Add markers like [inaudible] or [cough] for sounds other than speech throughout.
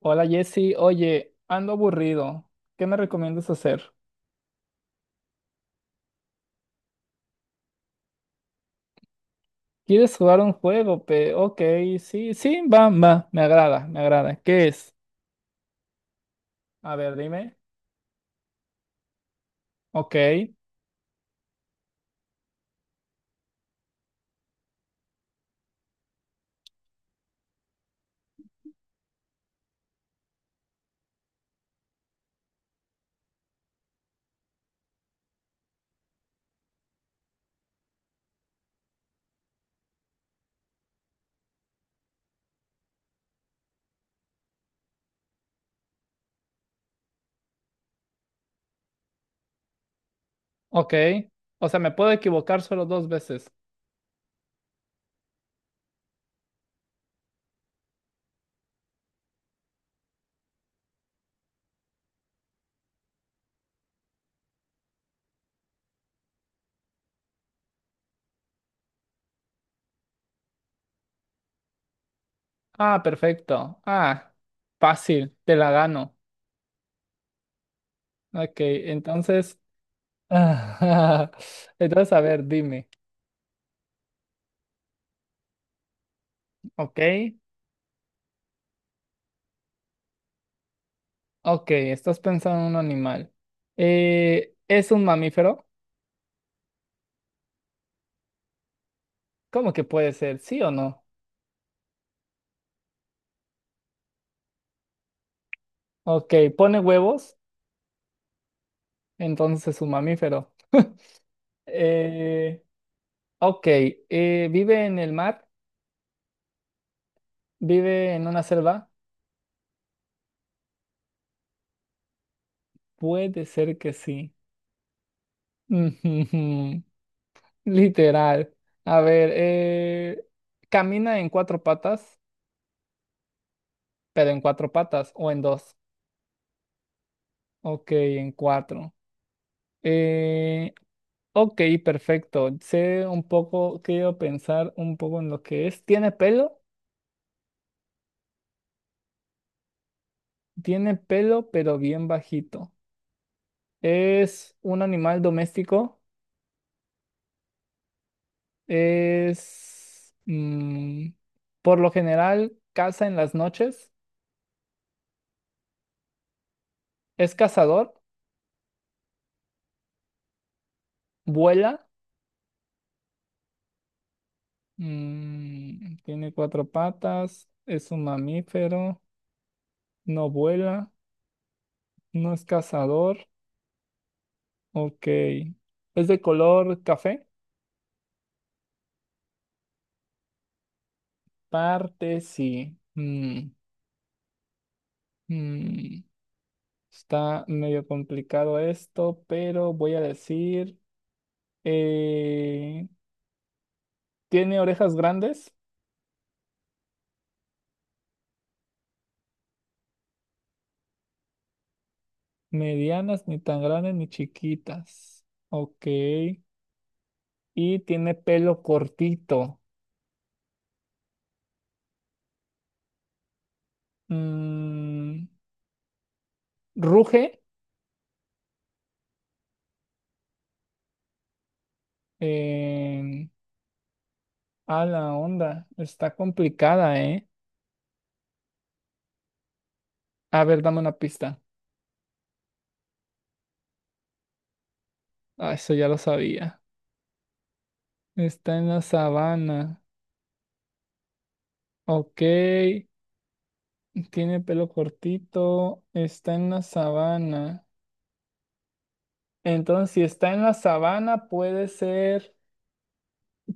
Hola Jesse, oye, ando aburrido. ¿Qué me recomiendas hacer? ¿Quieres jugar un juego? Pe? Ok, sí, sí, va, va, me agrada, me agrada. ¿Qué es? A ver, dime. Ok, ok. O sea, me puedo equivocar solo dos veces. Ah, perfecto. Ah, fácil, te la gano. Ok, entonces. [laughs] Entonces, a ver, dime. Ok, ok, estás pensando en un animal. ¿Es un mamífero? ¿Cómo que puede ser? ¿Sí o no? Ok, pone huevos, entonces es un mamífero. Eh, ok, ¿Vive en el mar? ¿Vive en una selva? Puede ser que sí. [laughs] Ujujujú, literal. A ver, ¿camina en cuatro patas? Pero en cuatro patas o en dos. Ok, en cuatro. Eh, ok, perfecto. Sé un poco, quiero pensar un poco en lo que es. ¿Tiene pelo? Tiene pelo, pero bien bajito. Es un animal doméstico. Es, por lo general, caza en las noches. Es cazador. Vuela. Mm, tiene cuatro patas. Es un mamífero. No vuela. No es cazador. Ok. Es de color café. Parte sí. Mm, Está medio complicado esto, pero voy a decir... eh, Tiene orejas grandes, medianas, ni tan grandes ni chiquitas. Ok. Y tiene pelo cortito. Mm, ruge. em, a la onda. Está complicada, ¿eh? A ver, dame una pista. Ah, eso ya lo sabía. Está en la sabana. Ok. Tiene pelo cortito. Está en la sabana. Entonces, si está en la sabana, puede ser.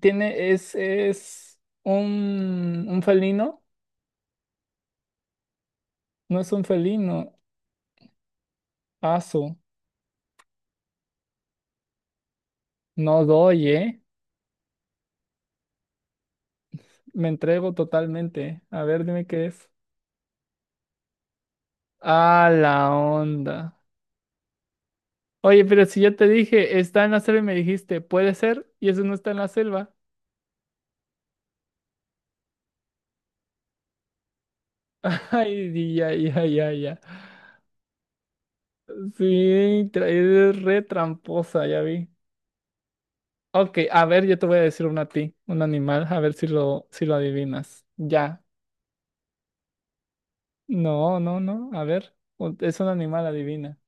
Tiene, es un felino, no es un felino, aso, no doy, ¿eh? Me entrego totalmente. A ver, dime qué es. A la onda. Oye, pero si yo te dije, está en la selva y me dijiste, puede ser, y eso no está en la selva. [laughs] Ay, ya, ya, ya, ya. Sí, eres re tramposa, ya vi. Ok, a ver, yo te voy a decir una a ti, un animal, a ver si si lo adivinas. Ya. No, no, no. A ver, es un animal, adivina.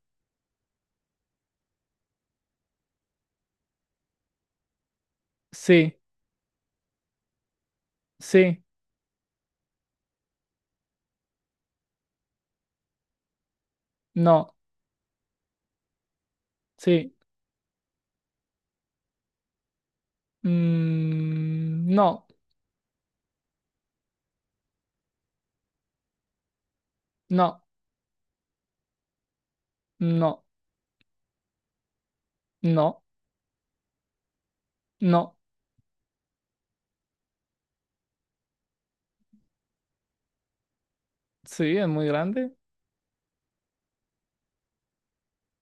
Sí, sí, no, sí. Mm, no, no, no, no, no. Sí, es muy grande,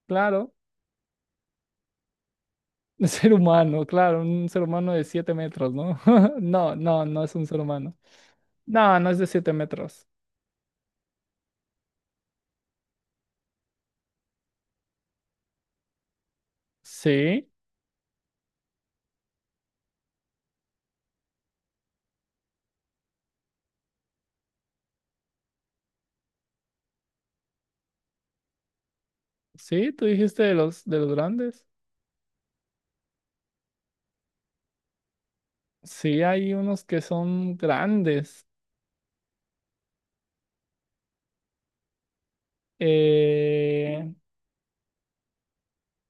claro. [laughs] Un ser humano, claro, un ser humano de 7 metros, ¿no? [laughs] No, no, no es un ser humano. No, no es de 7 metros. Sí, sí, tú dijiste de los grandes. Sí, hay unos que son grandes. Eh,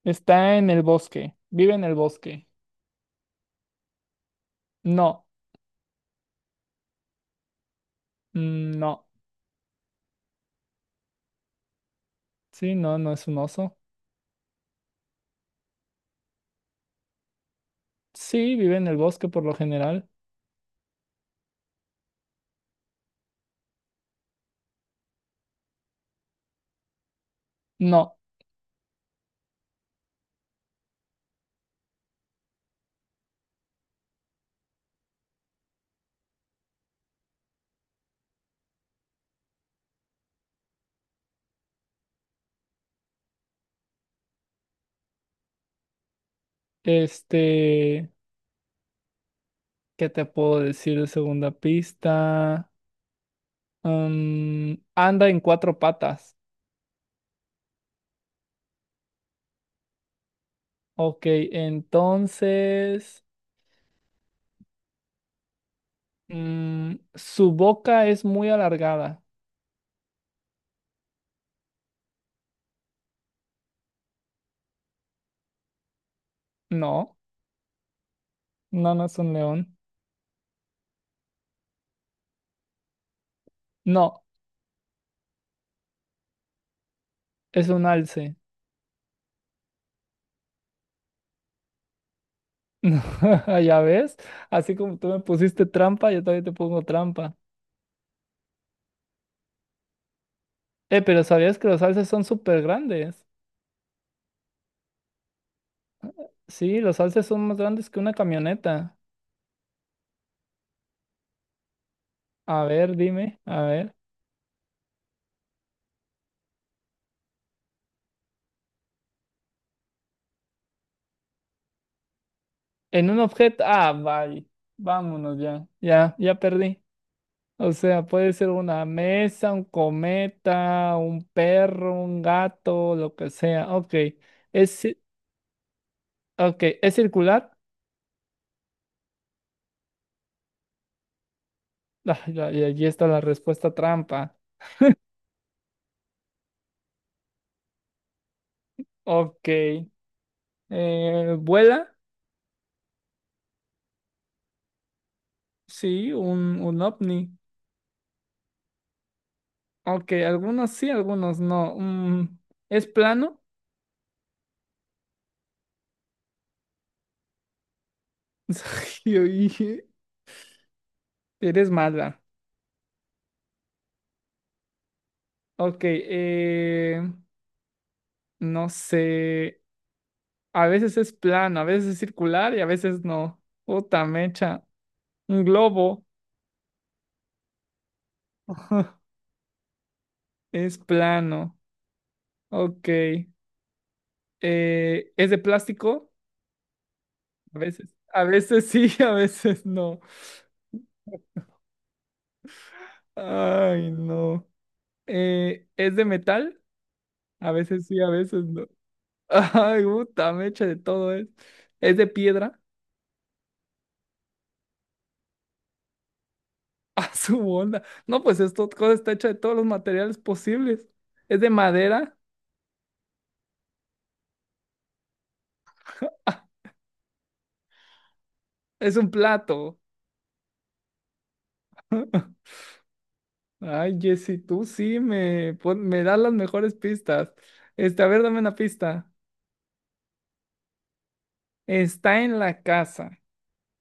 Está en el bosque. Vive en el bosque. No. Mm, no. Sí, no, no es un oso. Sí, vive en el bosque por lo general. No. Este, ¿qué te puedo decir de segunda pista? Mm, anda en cuatro patas. Ok, entonces, su boca es muy alargada. No, no, no es un león. No, es un alce. [laughs] Ya ves, así como tú me pusiste trampa, yo también te pongo trampa. Pero ¿sabías que los alces son súper grandes? Sí, los alces son más grandes que una camioneta. A ver, dime, a ver. En un objeto, ah, vaya, vámonos ya, ya, ya perdí. O sea, puede ser una mesa, un cometa, un perro, un gato, lo que sea. Ok, es, ci- ok, ¿es circular? [laughs] Ah, allí está la respuesta trampa. Ok. ¿Vuela? Sí, un ovni. Ok, algunos sí, algunos no. Mm, ¿es plano? [laughs] Yo dije, eres mala. Ok, no sé. A veces es plano, a veces es circular y a veces no. Puta mecha. Un globo. [laughs] Es plano. Ok. ¿Es de plástico? A veces. A veces sí, [laughs] a veces no. Ay, no. ¿Es de metal? A veces sí, a veces no. [laughs] Ay, puta, me echa de todo es. Es de piedra. [laughs] A su onda. No, pues esta cosa está hecha de todos los materiales posibles. Es de madera. [laughs] Ah, es un plato. Ay, Jessy, tú sí me, pon- me das las mejores pistas. Este, a ver, dame una pista. Está en la casa.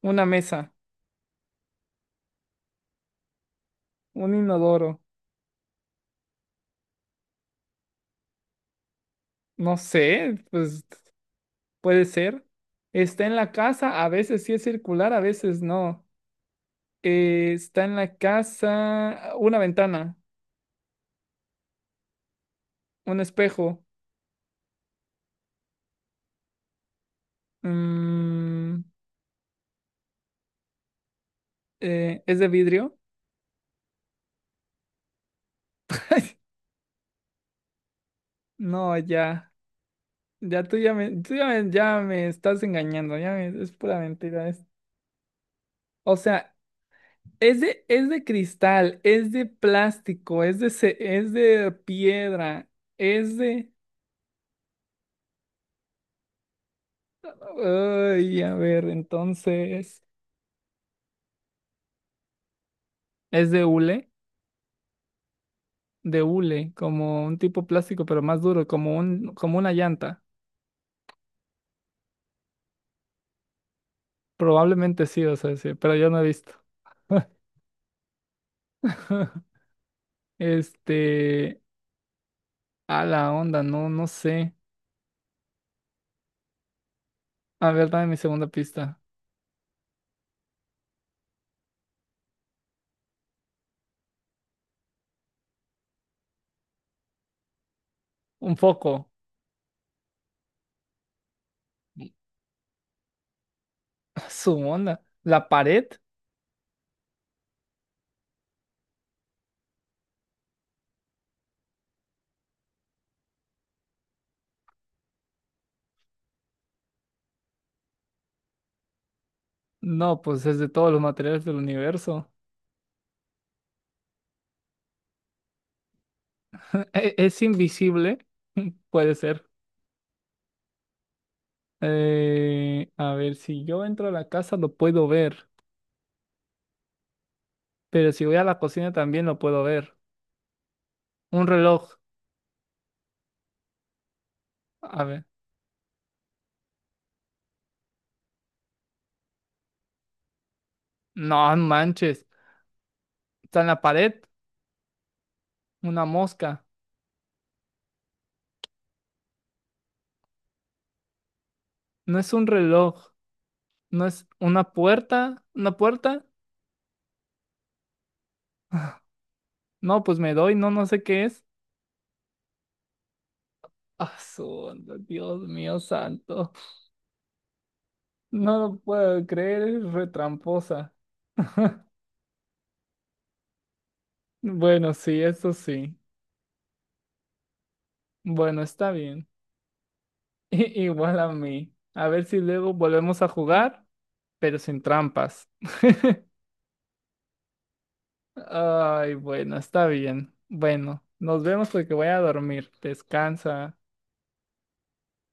Una mesa. Un inodoro. No sé, pues puede ser. Está en la casa. A veces sí es circular, a veces no. Está en la casa una ventana, un espejo. mm, ¿Es de vidrio? [laughs] No, ya. Ya me estás engañando. Es pura mentira. O sea, es de cristal, es de plástico, es de piedra, es de... Ay, a ver, entonces... ¿Es de hule? De hule, como un tipo plástico, pero más duro, como una llanta. Probablemente sí, o sea, sí, pero yo no he visto. [laughs] Este, a la onda, no, no sé. A ver, dame mi segunda pista. Un foco. [laughs] Su onda. ¿La pared? No, pues es de todos los materiales del universo. ¿Es invisible? [laughs] Puede ser. A ver, si yo entro a la casa lo puedo ver, pero si voy a la cocina también lo puedo ver. Un reloj. A ver. No manches. Está en la pared. Una mosca. No es un reloj, no es una puerta, una puerta. [laughs] [sighs] No, pues me doy, no, no sé qué es. Ah, Dios mío santo. No lo puedo creer, es retramposa. Bueno, sí, eso sí. Bueno, está bien. [laughs] Igual a mí. A ver si luego volvemos a jugar, pero sin trampas. Ay, bueno, está bien. Bueno, nos vemos porque voy a dormir. Descansa.